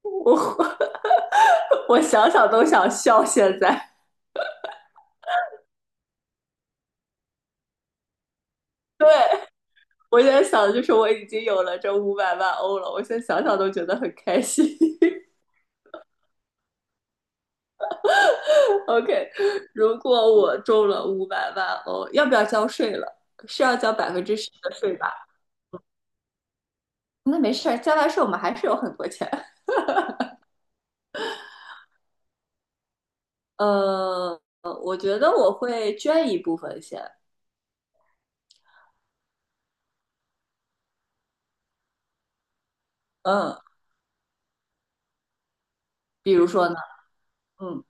我 我想想都想笑。现在，对,我现在想的就是我已经有了这五百万欧了，我现在想想都觉得很开心。OK，如果我中了五百万欧，要不要交税了？是要交10%的税吧？那没事交完税我们还是有很多钱。呃，我觉得我会捐一部分先。嗯，比如说呢，嗯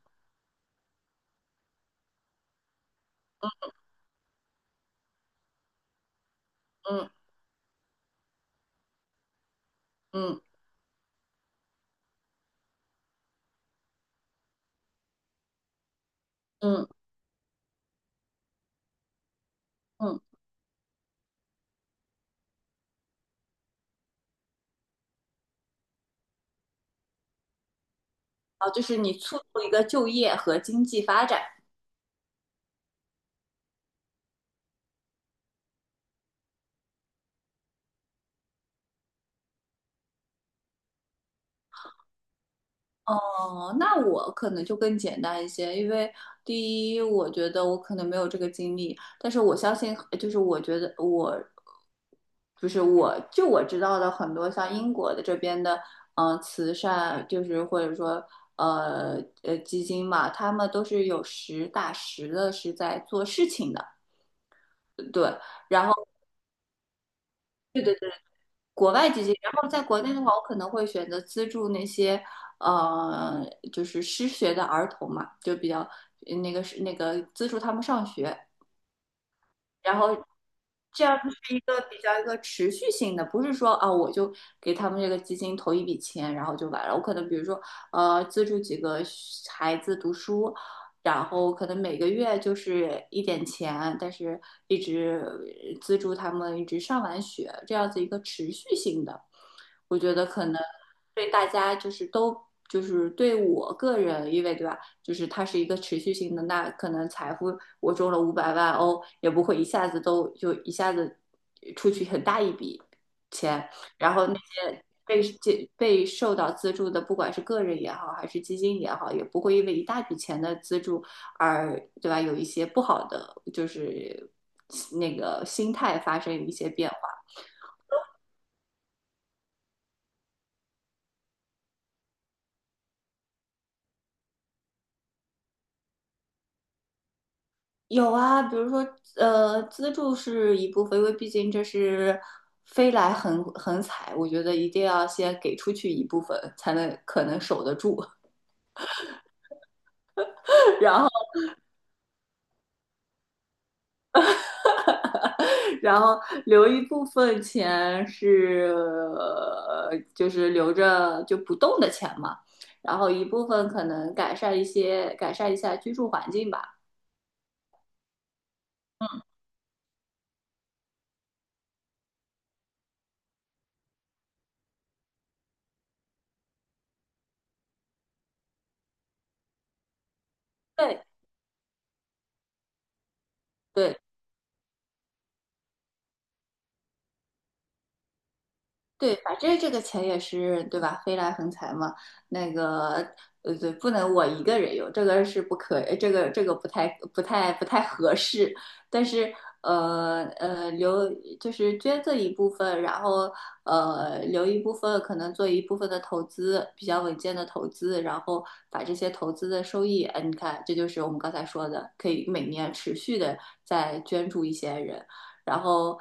嗯嗯嗯嗯，啊，就是你促进一个就业和经济发展。哦，那我可能就更简单一些，因为第一，我觉得我可能没有这个经历，但是我相信，就是我觉得我，就我知道的很多像英国的这边的，慈善就是或者说基金嘛，他们都是有实打实的是在做事情的，对。然后。国外基金，然后在国内的话，我可能会选择资助那些呃，就是失学的儿童嘛，就比较资助他们上学。然后这样子是一个比较一个持续性的，不是说啊我就给他们这个基金投一笔钱，然后就完了。我可能比如说资助几个孩子读书，然后可能每个月就是一点钱，但是一直资助他们一直上完学，这样子一个持续性的，我觉得可能对大家就是都。就是对我个人，因为对吧？就是它是一个持续性的，那可能财富我中了五百万欧，也不会一下子都就一下子出去很大一笔钱，然后那些。被被受到资助的，不管是个人也好，还是基金也好，也不会因为一大笔钱的资助而，对吧？有一些不好的，就是那个心态发生一些变化。有啊，比如说，资助是一部分，因为毕竟这是飞来横财，我觉得一定要先给出去一部分，才能可能守得住，然后然后留一部分钱是，就是留着就不动的钱嘛，然后一部分可能改善一下居住环境吧，对。对，对，反正这个钱也是对吧？飞来横财嘛，那个对，不能我一个人用，这个是不可，这个不太合适。但是留就是捐赠一部分，然后留一部分，可能做一部分的投资，比较稳健的投资，然后把这些投资的收益，哎，你看，这就是我们刚才说的，可以每年持续的再捐助一些人，然后。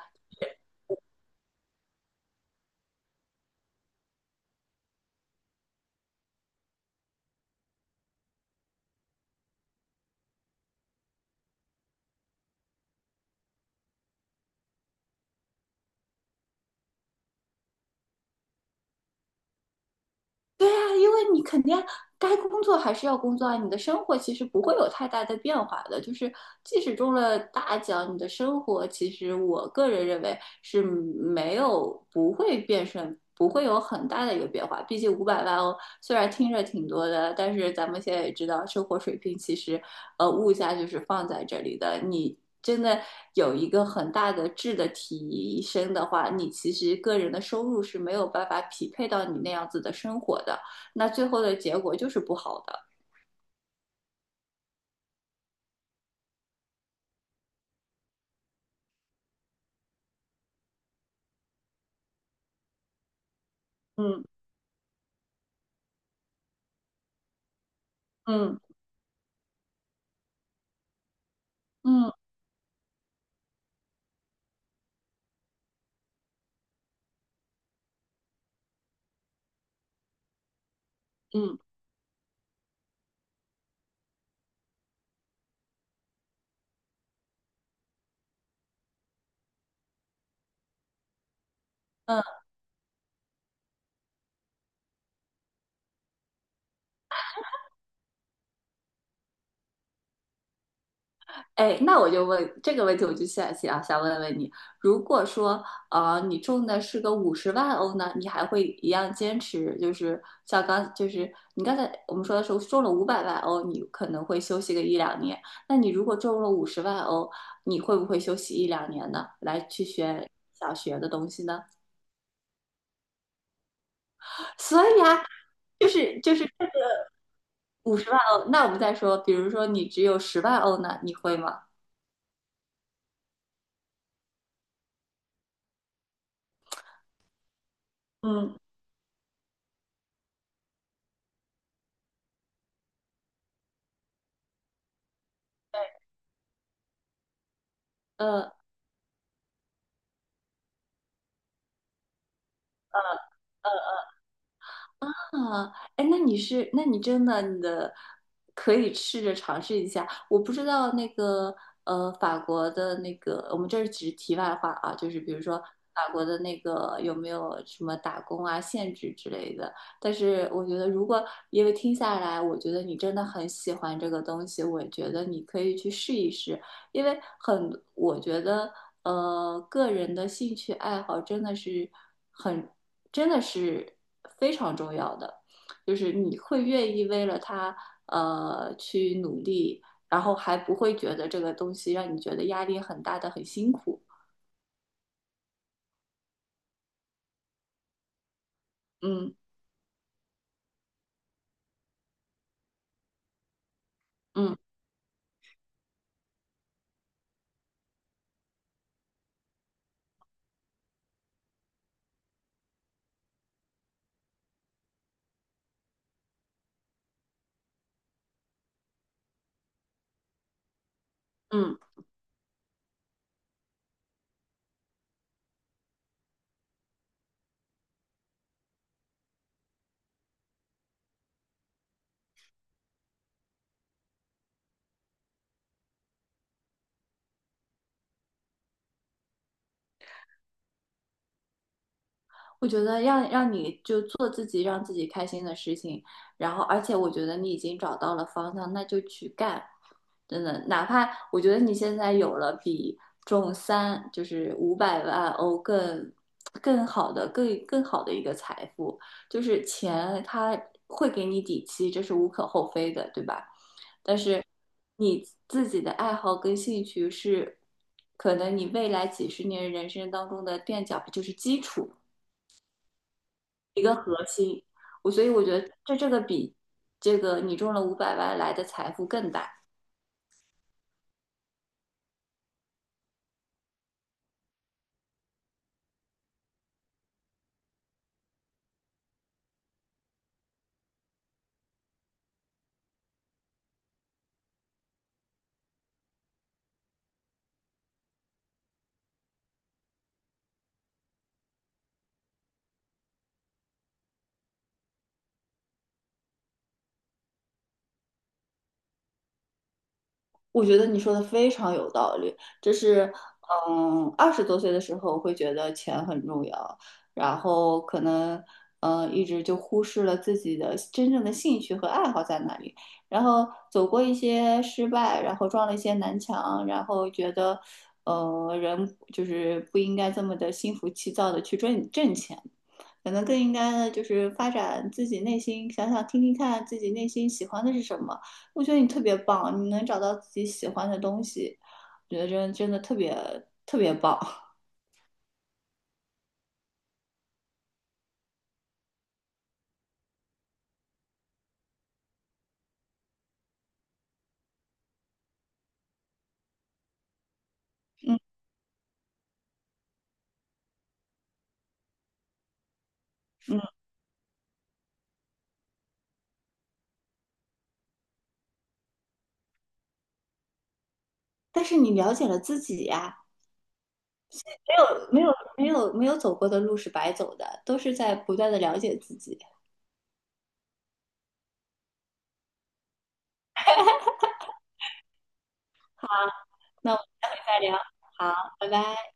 对呀，因为你肯定该工作还是要工作啊，你的生活其实不会有太大的变化的。就是即使中了大奖，你的生活其实我个人认为是没有不会变顺，不会有很大的一个变化。毕竟五百万哦，虽然听着挺多的，但是咱们现在也知道，生活水平其实物价就是放在这里的，你。真的有一个很大的质的提升的话，你其实个人的收入是没有办法匹配到你那样子的生活的。那最后的结果就是不好的。嗯嗯嗯嗯嗯，哎，那我就问这个问题，我就想问问你，如果说你中的是个五十万欧呢，你还会一样坚持？就是你刚才我们说的时候中了五百万欧，你可能会休息个一两年。那你如果中了五十万欧，你会不会休息一两年呢？来去学想学的东西呢？所以啊，就是就是五十万欧，那我们再说，比如说你只有十万欧呢，你会吗？嗯，呃，啊，哎，那你是，那你真的，你的可以试着尝试一下。我不知道那个，法国的那个，我们这儿只是题外话啊，就是比如说法国的那个有没有什么打工啊、限制之类的。但是我觉得，如果因为听下来，我觉得你真的很喜欢这个东西，我觉得你可以去试一试，因为很，我觉得，个人的兴趣爱好真的是。很。真的是非常重要的，就是你会愿意为了他去努力，然后还不会觉得这个东西让你觉得压力很大的很辛苦。嗯嗯嗯。我觉得让你就做自己让自己开心的事情，然后而且我觉得你已经找到了方向，那就去干。真的，哪怕我觉得你现在有了比中三就是五百万欧更好的一个财富，就是钱它会给你底气，这是无可厚非的，对吧？但是你自己的爱好跟兴趣是可能你未来几十年人生当中的垫脚，就是基础。一个核心。所以我觉得这个比你中了五百万来的财富更大。我觉得你说的非常有道理，这是，嗯，20多岁的时候会觉得钱很重要，然后可能，嗯，一直就忽视了自己的真正的兴趣和爱好在哪里，然后走过一些失败，然后撞了一些南墙，然后觉得，人就是不应该这么的心浮气躁的去挣钱，可能更应该的就是发展自己内心，想想听听看自己内心喜欢的是什么。我觉得你特别棒，你能找到自己喜欢的东西，我觉得真的特别特别棒。嗯嗯，但是你了解了自己呀、没有走过的路是白走的，都是在不断的了解自己。好，那我们再聊，好，拜拜。